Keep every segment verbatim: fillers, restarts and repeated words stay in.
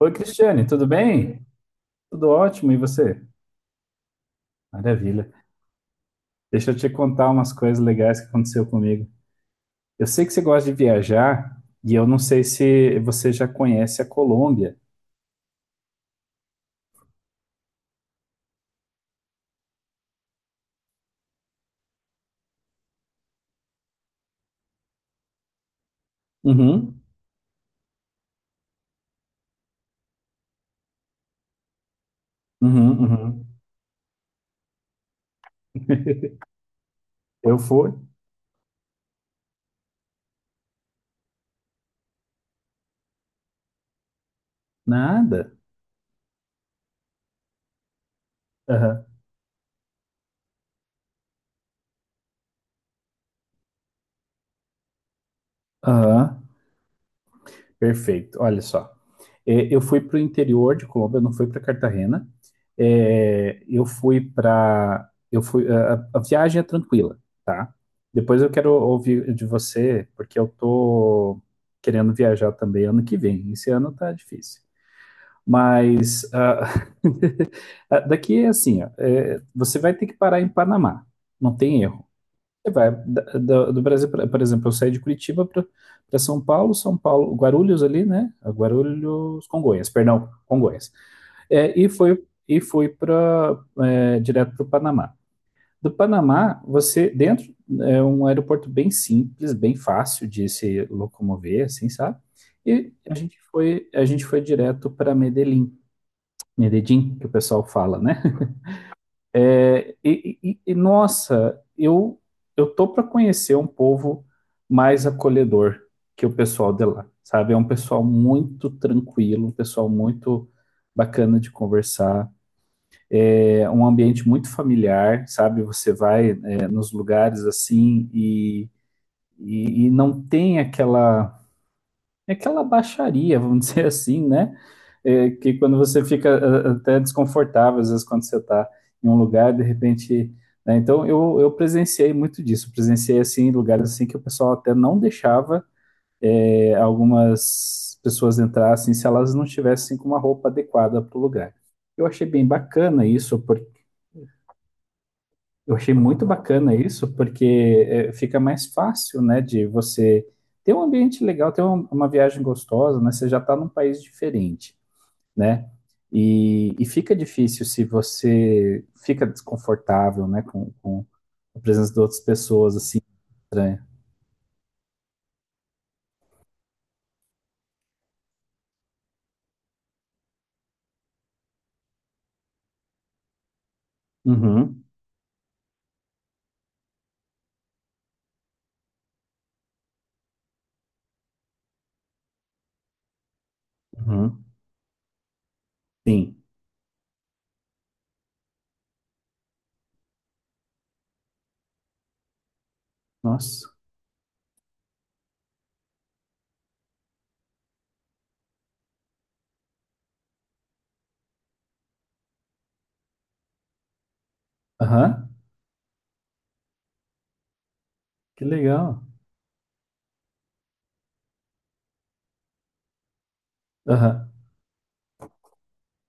Oi, Cristiane, tudo bem? Tudo ótimo, e você? Maravilha. Deixa eu te contar umas coisas legais que aconteceu comigo. Eu sei que você gosta de viajar, e eu não sei se você já conhece a Colômbia. Uhum, uhum, uhum. Eu fui? Nada. Aham. Aham. Perfeito. Olha só. É, eu fui para o interior de Colômbia, eu não fui para Cartagena. É, eu fui para, eu fui, a, a viagem é tranquila, tá? Depois eu quero ouvir de você, porque eu tô querendo viajar também ano que vem. Esse ano tá difícil. Mas ah, daqui é assim, ó, é, você vai ter que parar em Panamá, não tem erro. Você vai da- do, do Brasil, pra, por exemplo, eu saí de Curitiba para São Paulo, São Paulo, Guarulhos ali, né? Guarulhos, Congonhas, perdão, Congonhas. É, e foi e foi para direto para o Panamá. Do Panamá, você dentro é um aeroporto bem simples, bem fácil de se locomover, assim, sabe? E a gente foi a gente foi direto para Medellín, Medellín, que o pessoal fala, né? É, e, e- e, nossa, eu eu tô para conhecer um povo mais acolhedor que o pessoal de lá, sabe? É um pessoal muito tranquilo, um pessoal muito bacana de conversar, é um ambiente muito familiar, sabe? Você vai, é, nos lugares assim e, e, e não tem aquela, é aquela baixaria, vamos dizer assim, né? É, que quando você fica eh, até desconfortável, às vezes, quando você está em um lugar, de repente, né? Então, eu, eu presenciei muito disso. Presenciei, assim, lugares assim que o pessoal até não deixava eh, algumas pessoas entrassem se elas não tivessem com uma roupa adequada para o lugar. Eu achei bem bacana isso, eu achei muito bacana isso, porque eh, fica mais fácil, né, de você ter um ambiente legal, ter um- uma viagem gostosa, né? Você já está num país diferente, né? E, e fica difícil se você fica desconfortável, né, com, com a presença de outras pessoas, assim, estranha. Uhum, uhum, sim. Nossa. Aham, que legal. Aham.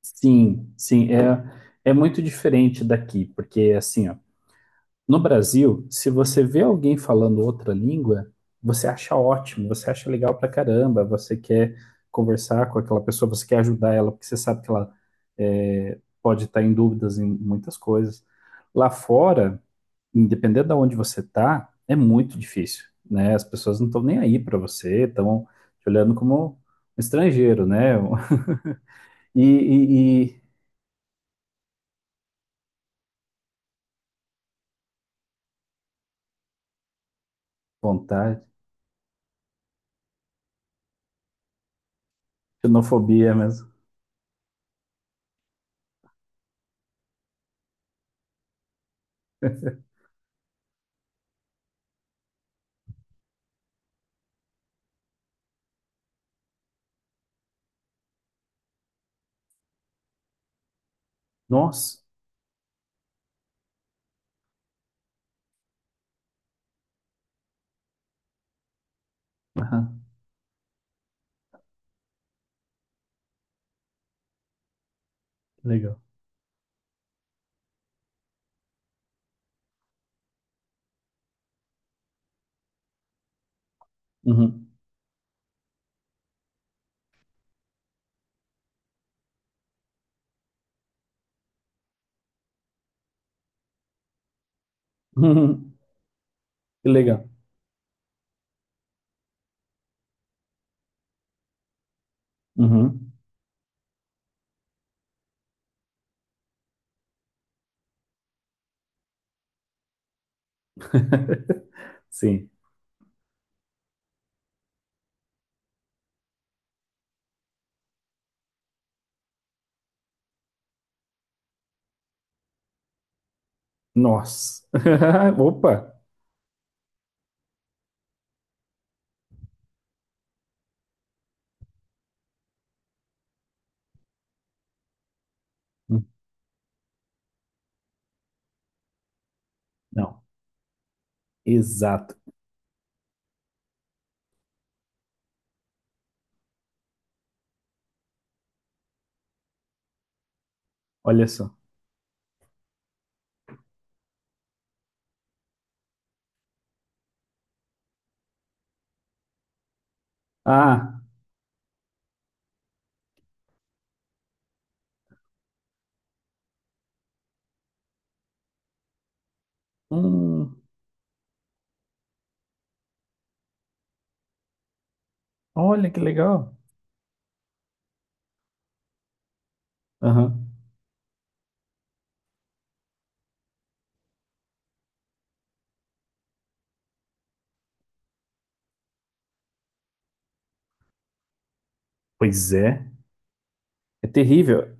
Sim, sim, é, é muito diferente daqui, porque, assim, ó. No Brasil, se você vê alguém falando outra língua, você acha ótimo, você acha legal pra caramba, você quer conversar com aquela pessoa, você quer ajudar ela, porque você sabe que ela é, pode estar em dúvidas em muitas coisas. Lá fora, independente de onde você tá, é muito difícil, né? As pessoas não estão nem aí pra você, estão te olhando como um estrangeiro, né? E, e, e- vontade, xenofobia mesmo. Nossa. Aham, legal. Uhum. Que legal. Uhum. Sim. Nossa. Opa. Não. Exato. Olha só. Ah. Hum. Olha que legal. Aham. Pois é. É terrível.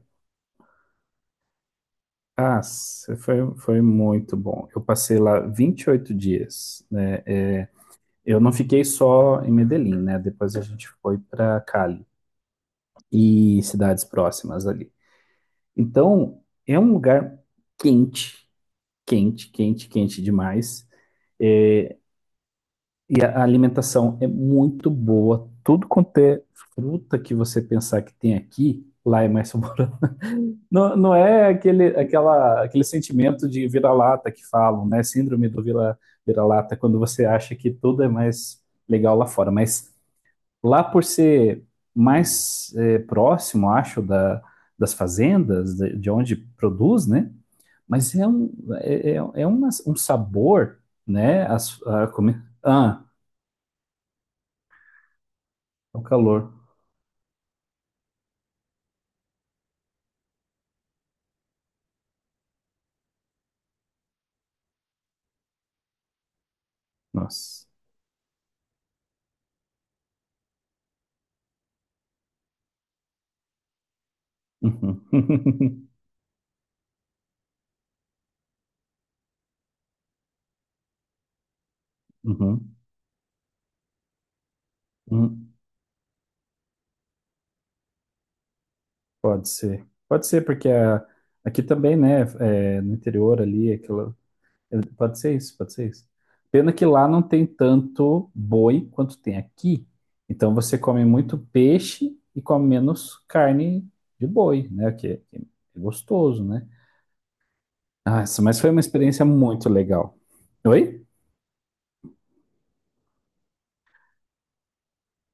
Ah, se- foi, foi muito bom. Eu passei lá vinte e oito dias, né? É, eu não fiquei só em Medellín, né? Depois a gente foi para Cali e cidades próximas ali. Então, é um lugar quente, quente, quente, quente demais. É, e a alimentação é muito boa. Tudo quanto é fruta que você pensar que tem aqui, lá é mais saboroso. Não, não é aquele, aquela, aquele sentimento de vira-lata que falam, né? Síndrome do vira, vira-lata, quando você acha que tudo é mais legal lá fora. Mas lá por ser mais é, próximo, acho, da, das fazendas, de, de onde produz, né? Mas é um, é, é é uma, um sabor, né? As, a, comi- ah, É o calor. Nossa. Uhum. Uhum. Uhum. Pode ser. Pode ser, porque a- aqui também, né, é, no interior ali, aquela, pode ser isso, pode ser isso. Pena que lá não tem tanto boi quanto tem aqui. Então você come muito peixe e come menos carne de boi, né? Que é que é gostoso, né? Nossa, mas foi uma experiência muito legal. Oi?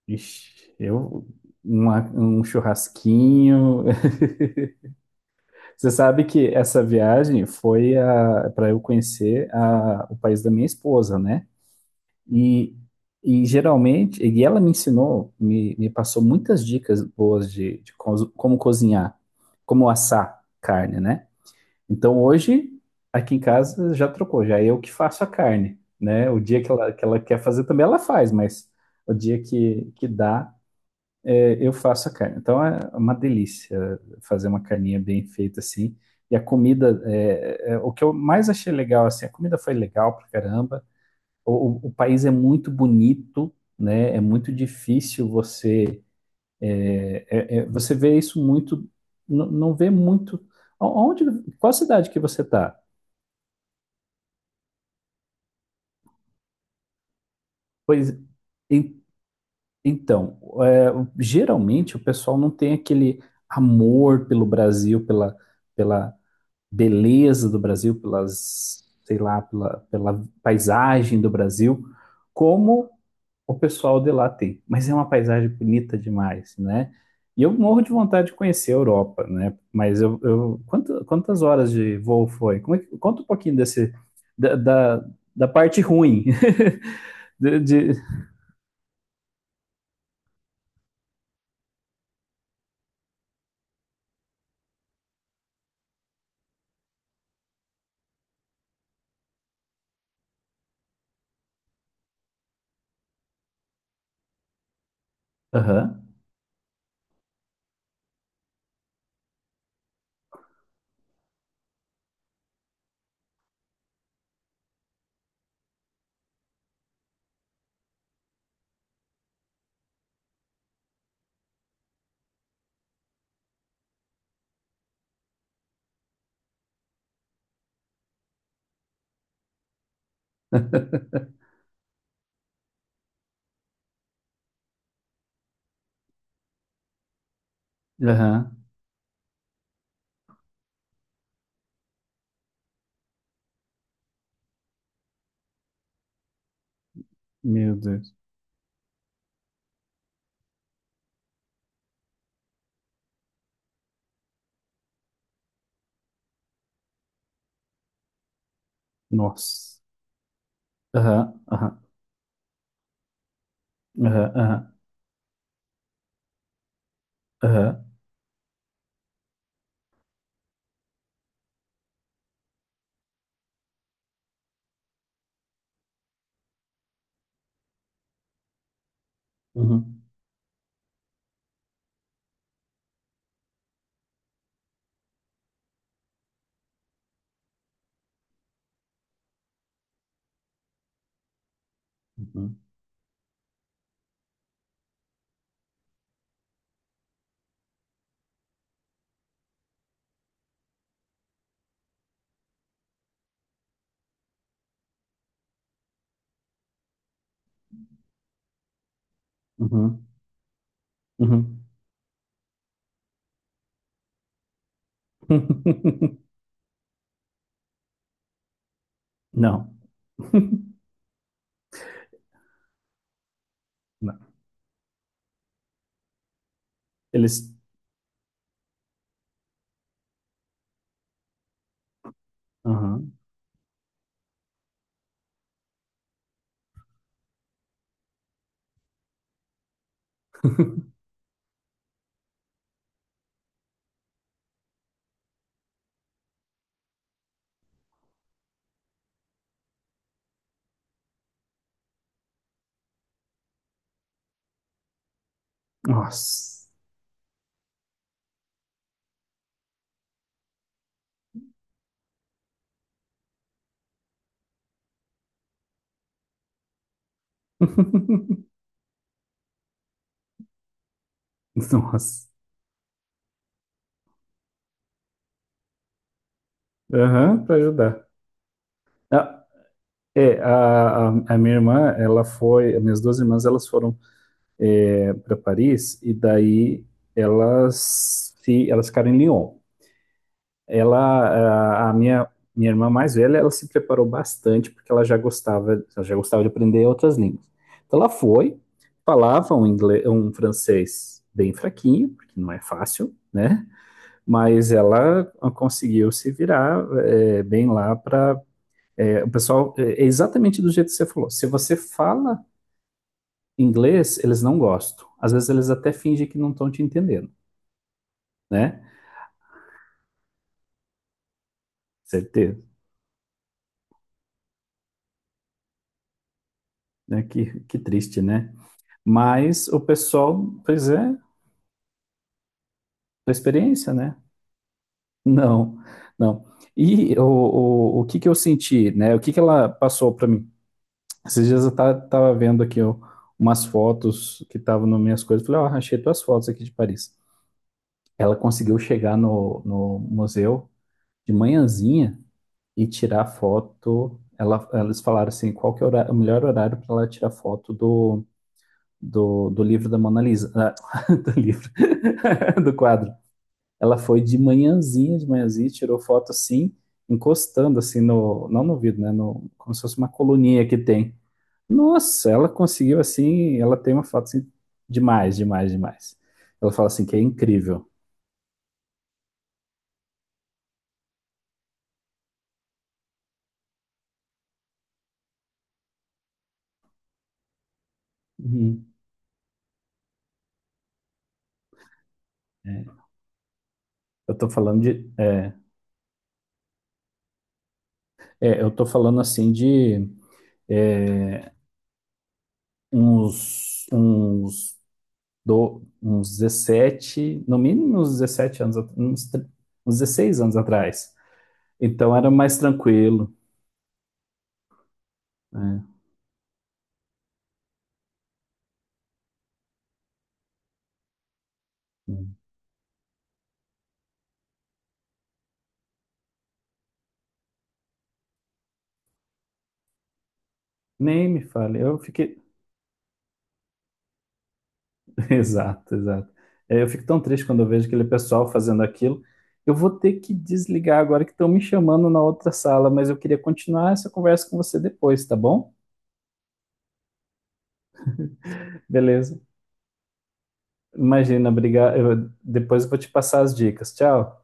Ixi, eu, uma- um churrasquinho. Você sabe que essa viagem foi para eu conhecer a- o país da minha esposa, né? E, e geralmente, e ela me ensinou, me, me passou muitas dicas boas de, de coz- como cozinhar, como assar carne, né? Então hoje, aqui em casa já trocou, já é eu que faço a carne, né? O dia que ela, que ela quer fazer também ela faz, mas o dia que, que dá, é, eu faço a carne. Então é uma delícia fazer uma carninha bem feita assim. E a comida, é, é, o que eu mais achei legal, assim, a comida foi legal pra caramba. O, o- o país é muito bonito, né? É muito difícil você. É- é- é, você vê isso muito. n- Não vê muito. O- Onde, Qual cidade que você tá? Pois en- então, é, o- geralmente o pessoal não tem aquele amor pelo Brasil, pela, pela beleza do Brasil, pelas, sei lá, pela, pela paisagem do Brasil, como o pessoal de lá tem. Mas é uma paisagem bonita demais, né? E eu morro de vontade de conhecer a Europa, né? Mas eu, eu quanto- quantas horas de voo foi? Como é que- conta um pouquinho desse, da, da, da parte ruim de, de- Aham, aham, meu Deus, nossa, aham, aham, aham, aham, aham, uhum, uhum, uhum, uhum. Não. Não. Eles. Aham. Nossa. Nossa. Aham, pra ajudar. Ah, é, a, a, a minha irmã, ela foi. As minhas duas irmãs, elas foram para Paris e daí elas, se, elas ficaram em Lyon. Ela, a a minha, minha irmã mais velha, ela se preparou bastante porque ela já gostava, ela já gostava de aprender outras línguas. Então ela foi, falava um inglês, um francês bem fraquinho, porque não é fácil, né? Mas ela conseguiu se virar é, bem lá para o pessoal. É é exatamente do jeito que você falou. Se você fala inglês, eles não gostam. Às vezes eles até fingem que não estão te entendendo, né? Certeza, né? Que, que triste, né? Mas o pessoal, pois é, a experiência, né? Não, não. E o, o, o que que eu senti, né? O que que ela passou para mim? Esses dias eu ta- tava vendo aqui ó, umas fotos que estavam nas minhas coisas. Falei, ó, achei tuas fotos aqui de Paris. Ela conseguiu chegar no, no museu de manhãzinha e tirar foto. Ela, eles falaram assim, qual que é o hora- o melhor horário para ela tirar foto do, do, do livro da Mona Lisa. Ah, do livro, do quadro. Ela foi de manhãzinha, de manhãzinha, tirou foto assim, encostando assim no, não no vidro, né, no, como se fosse uma coluninha que tem. Nossa, ela conseguiu assim, ela tem uma foto assim, demais, demais, demais. Ela fala assim que é incrível. Uhum. É, eu tô falando de, é, é, eu tô falando assim de, é, uns, uns, do, uns dezessete, no mínimo uns dezessete anos, at- uns, tre- uns dezesseis anos atrás. Então era mais tranquilo, né? Nem me fale. Eu fiquei. Exato, exato. É, eu fico tão triste quando eu vejo aquele pessoal fazendo aquilo. Eu vou ter que desligar agora que estão me chamando na outra sala, mas eu queria continuar essa conversa com você depois, tá bom? Beleza. Imagina, obrigado. Eu- Depois eu vou te passar as dicas. Tchau.